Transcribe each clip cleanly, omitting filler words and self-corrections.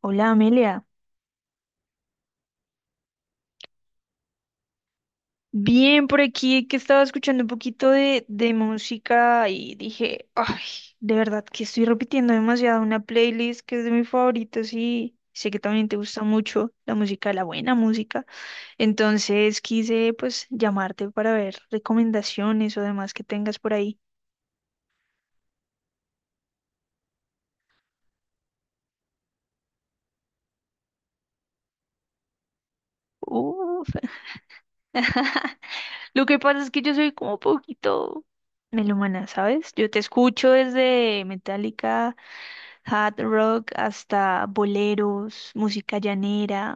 Hola Amelia, bien por aquí que estaba escuchando un poquito de música y dije, ay, de verdad que estoy repitiendo demasiado una playlist que es de mis favoritos y sé que también te gusta mucho la música, la buena música. Entonces quise pues llamarte para ver recomendaciones o demás que tengas por ahí. Uf. Lo que pasa es que yo soy como poquito melómana, ¿sabes? Yo te escucho desde Metallica, hard rock hasta boleros, música llanera.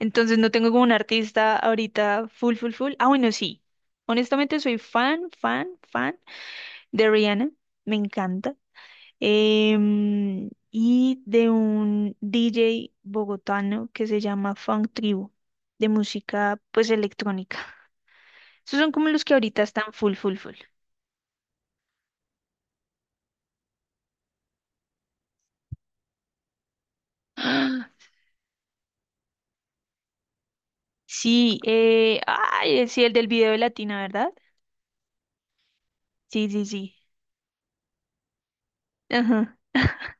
Entonces no tengo como un artista ahorita full, full, full. Ah, bueno, sí. Honestamente soy fan, fan, fan de Rihanna. Me encanta. Y de un DJ bogotano que se llama Funk Tribu, de música pues electrónica. Esos son como los que ahorita están full, full, full. ¡Ah! Sí, ay, sí, el del video de Latina, ¿verdad? Sí, sí, sí. Ajá.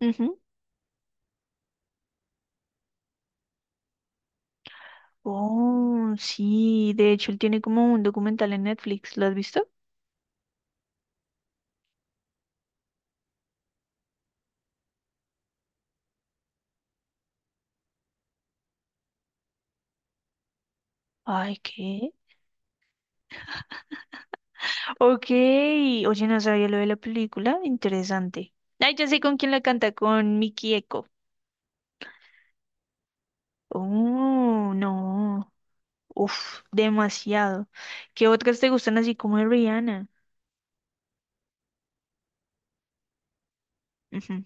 Ujú. Oh, sí, de hecho él tiene como un documental en Netflix, ¿lo has visto? Ay, ¿qué? Ok, oye, no sabía lo de la película, interesante. Ay, ya sé con quién la canta, con Miki Eko. Oh, no, uf, demasiado. ¿Qué otras te gustan así como de Rihanna? Ujú,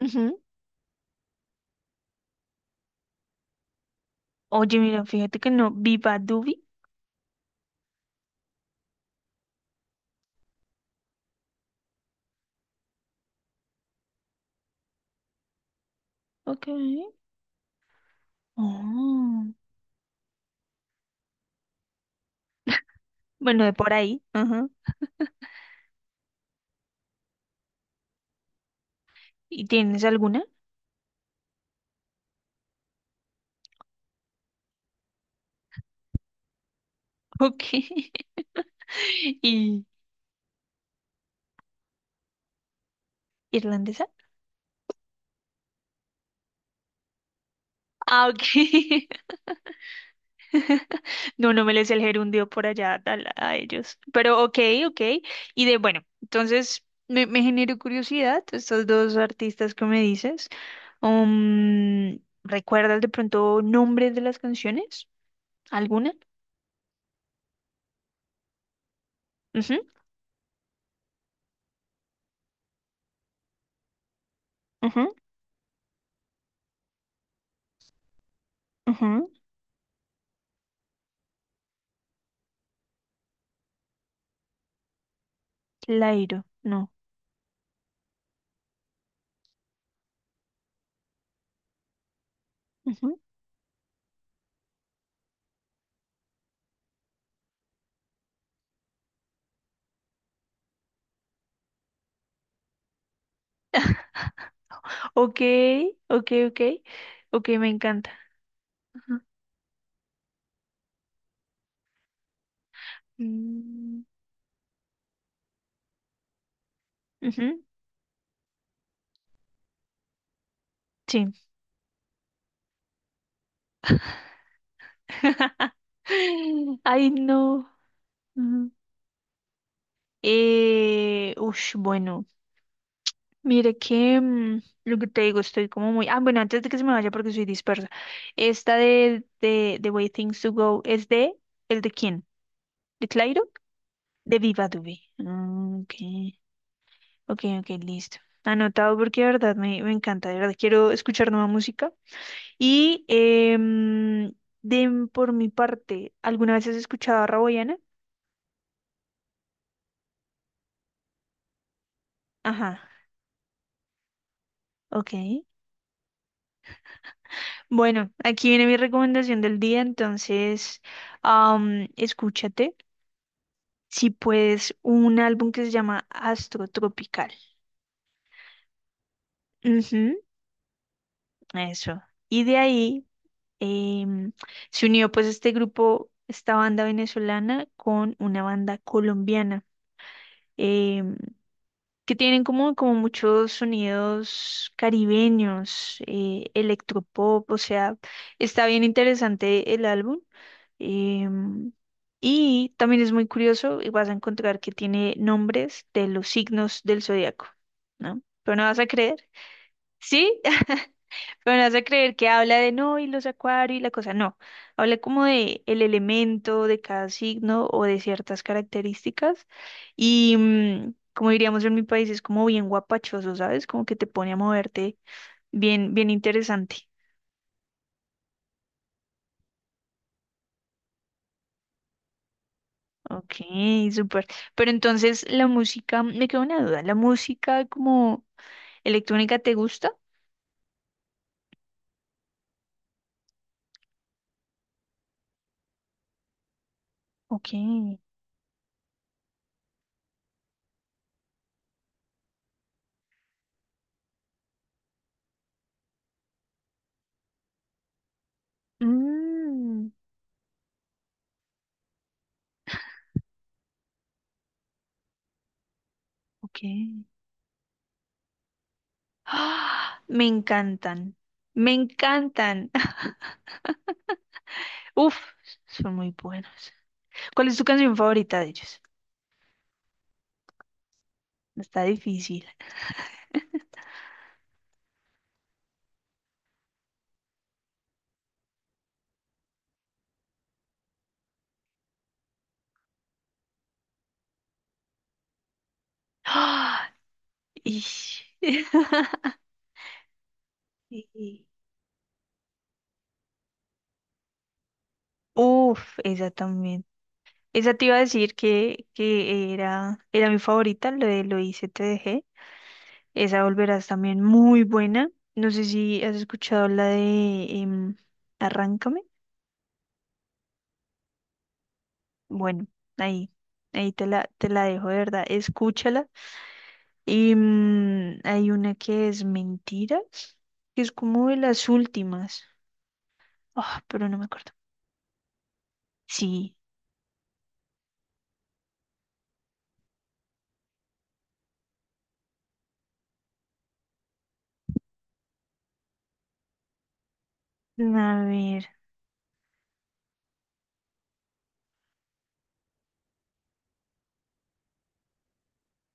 ujú. Oye, mira, fíjate que no, Viva Dubi. Ok. Oh, bueno, de por ahí, ajá. ¿Y tienes alguna? Ok. ¿Y irlandesa? Ah, ok. No, no me les el gerundio por allá tal, a, ellos. Pero ok, ok. Y de bueno, entonces me generó curiosidad estos dos artistas que me dices. Um, ¿Recuerdas de pronto nombres de las canciones? ¿Alguna? Ujú, ujú, ujú. Lairo, no. Ujú. Ok, ok, ok. Ok, me encanta. Ajá. Mm, ujú, sí. Ay, no. Ujú. Bueno, mire que lo que te digo, estoy como muy. Ah, bueno, antes de que se me vaya porque soy dispersa. Esta de The Way Things to Go es de ¿el de quién? ¿De Clairo? De Viva Dubé. Ah, ok, ok, ok, listo. Anotado porque de verdad me encanta, de verdad quiero escuchar nueva música. Y em, por mi parte, ¿alguna vez has escuchado a Raboyana? Ajá, ok. Bueno, aquí viene mi recomendación del día, entonces escúchate, si puedes, un álbum que se llama Astro Tropical. Ujú, eso. Y de ahí em, se unió pues este grupo, esta banda venezolana con una banda colombiana. Em, que tienen como, como muchos sonidos caribeños, electropop, o sea, está bien interesante el álbum. em, y también es muy curioso y vas a encontrar que tiene nombres de los signos del zodiaco, ¿no? Pero no vas a creer. Sí, pero me hace creer que habla de no y los acuarios y la cosa. No, habla como de el elemento de cada signo o de ciertas características. Y como diríamos en mi país, es como bien guapachoso, ¿sabes? Como que te pone a moverte bien, bien interesante. Ok, súper. Pero entonces la música, me queda una duda, ¿la música como electrónica te gusta? Ok. Mm, ok. ¡Ah! Me encantan. Me encantan. Uf, son muy buenos. ¿Cuál es tu canción favorita de ellos? Está difícil. ¡Ah! Ish. Sí. Uf, esa también. Esa te iba a decir que era, era mi favorita, lo de Lo hice, te dejé. Esa volverás también muy buena. No sé si has escuchado la de Arráncame. Bueno, ahí, ahí te la dejo, de verdad. Escúchala. Y hay una que es Mentiras, que es como de las últimas. Ah, pero no me acuerdo. Sí. A ver.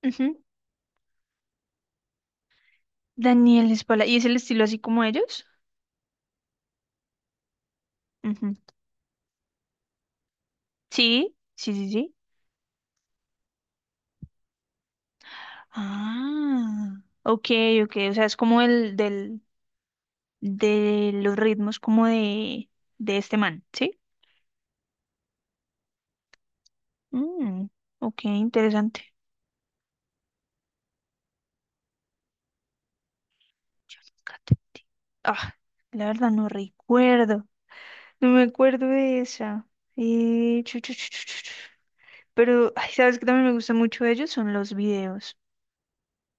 Ujú. Daniel Espala. ¿Y es el estilo así como ellos? Ujú. Sí, sí, sí, sí. Ah, ok, ok. O sea, es como el del, de los ritmos como de este man, ¿sí? Mm, ok, interesante. Fíjate. Ah, la verdad no recuerdo. No me acuerdo de esa. Chu, chu, chu, chu, chu, chu. Pero, ay, ¿sabes qué también me gusta mucho de ellos? Son los videos.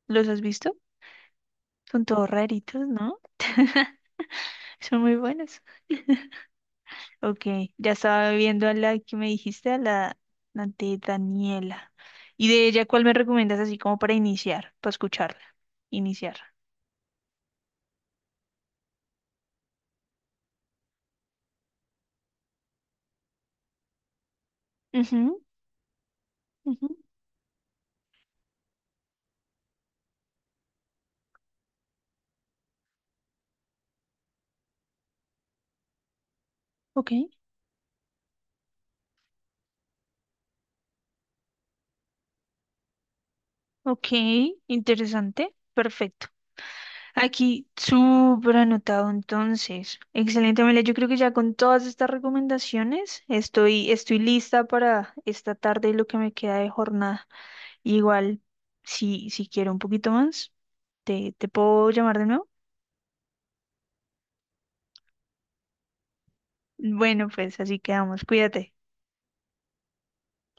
¿Los has visto? Son todos raritos, ¿no? Son muy buenos. Ok, ya estaba viendo a la que me dijiste, a la, la de Daniela. ¿Y de ella cuál me recomiendas así como para iniciar, para escucharla? Iniciar. Ujú, ujú. Ok, ok, interesante, perfecto. Aquí, súper anotado entonces. Excelente, Amelia. Yo creo que ya con todas estas recomendaciones estoy, estoy lista para esta tarde y lo que me queda de jornada. Igual, si, si quiero un poquito más, te puedo llamar de nuevo. Bueno, pues así quedamos. Cuídate.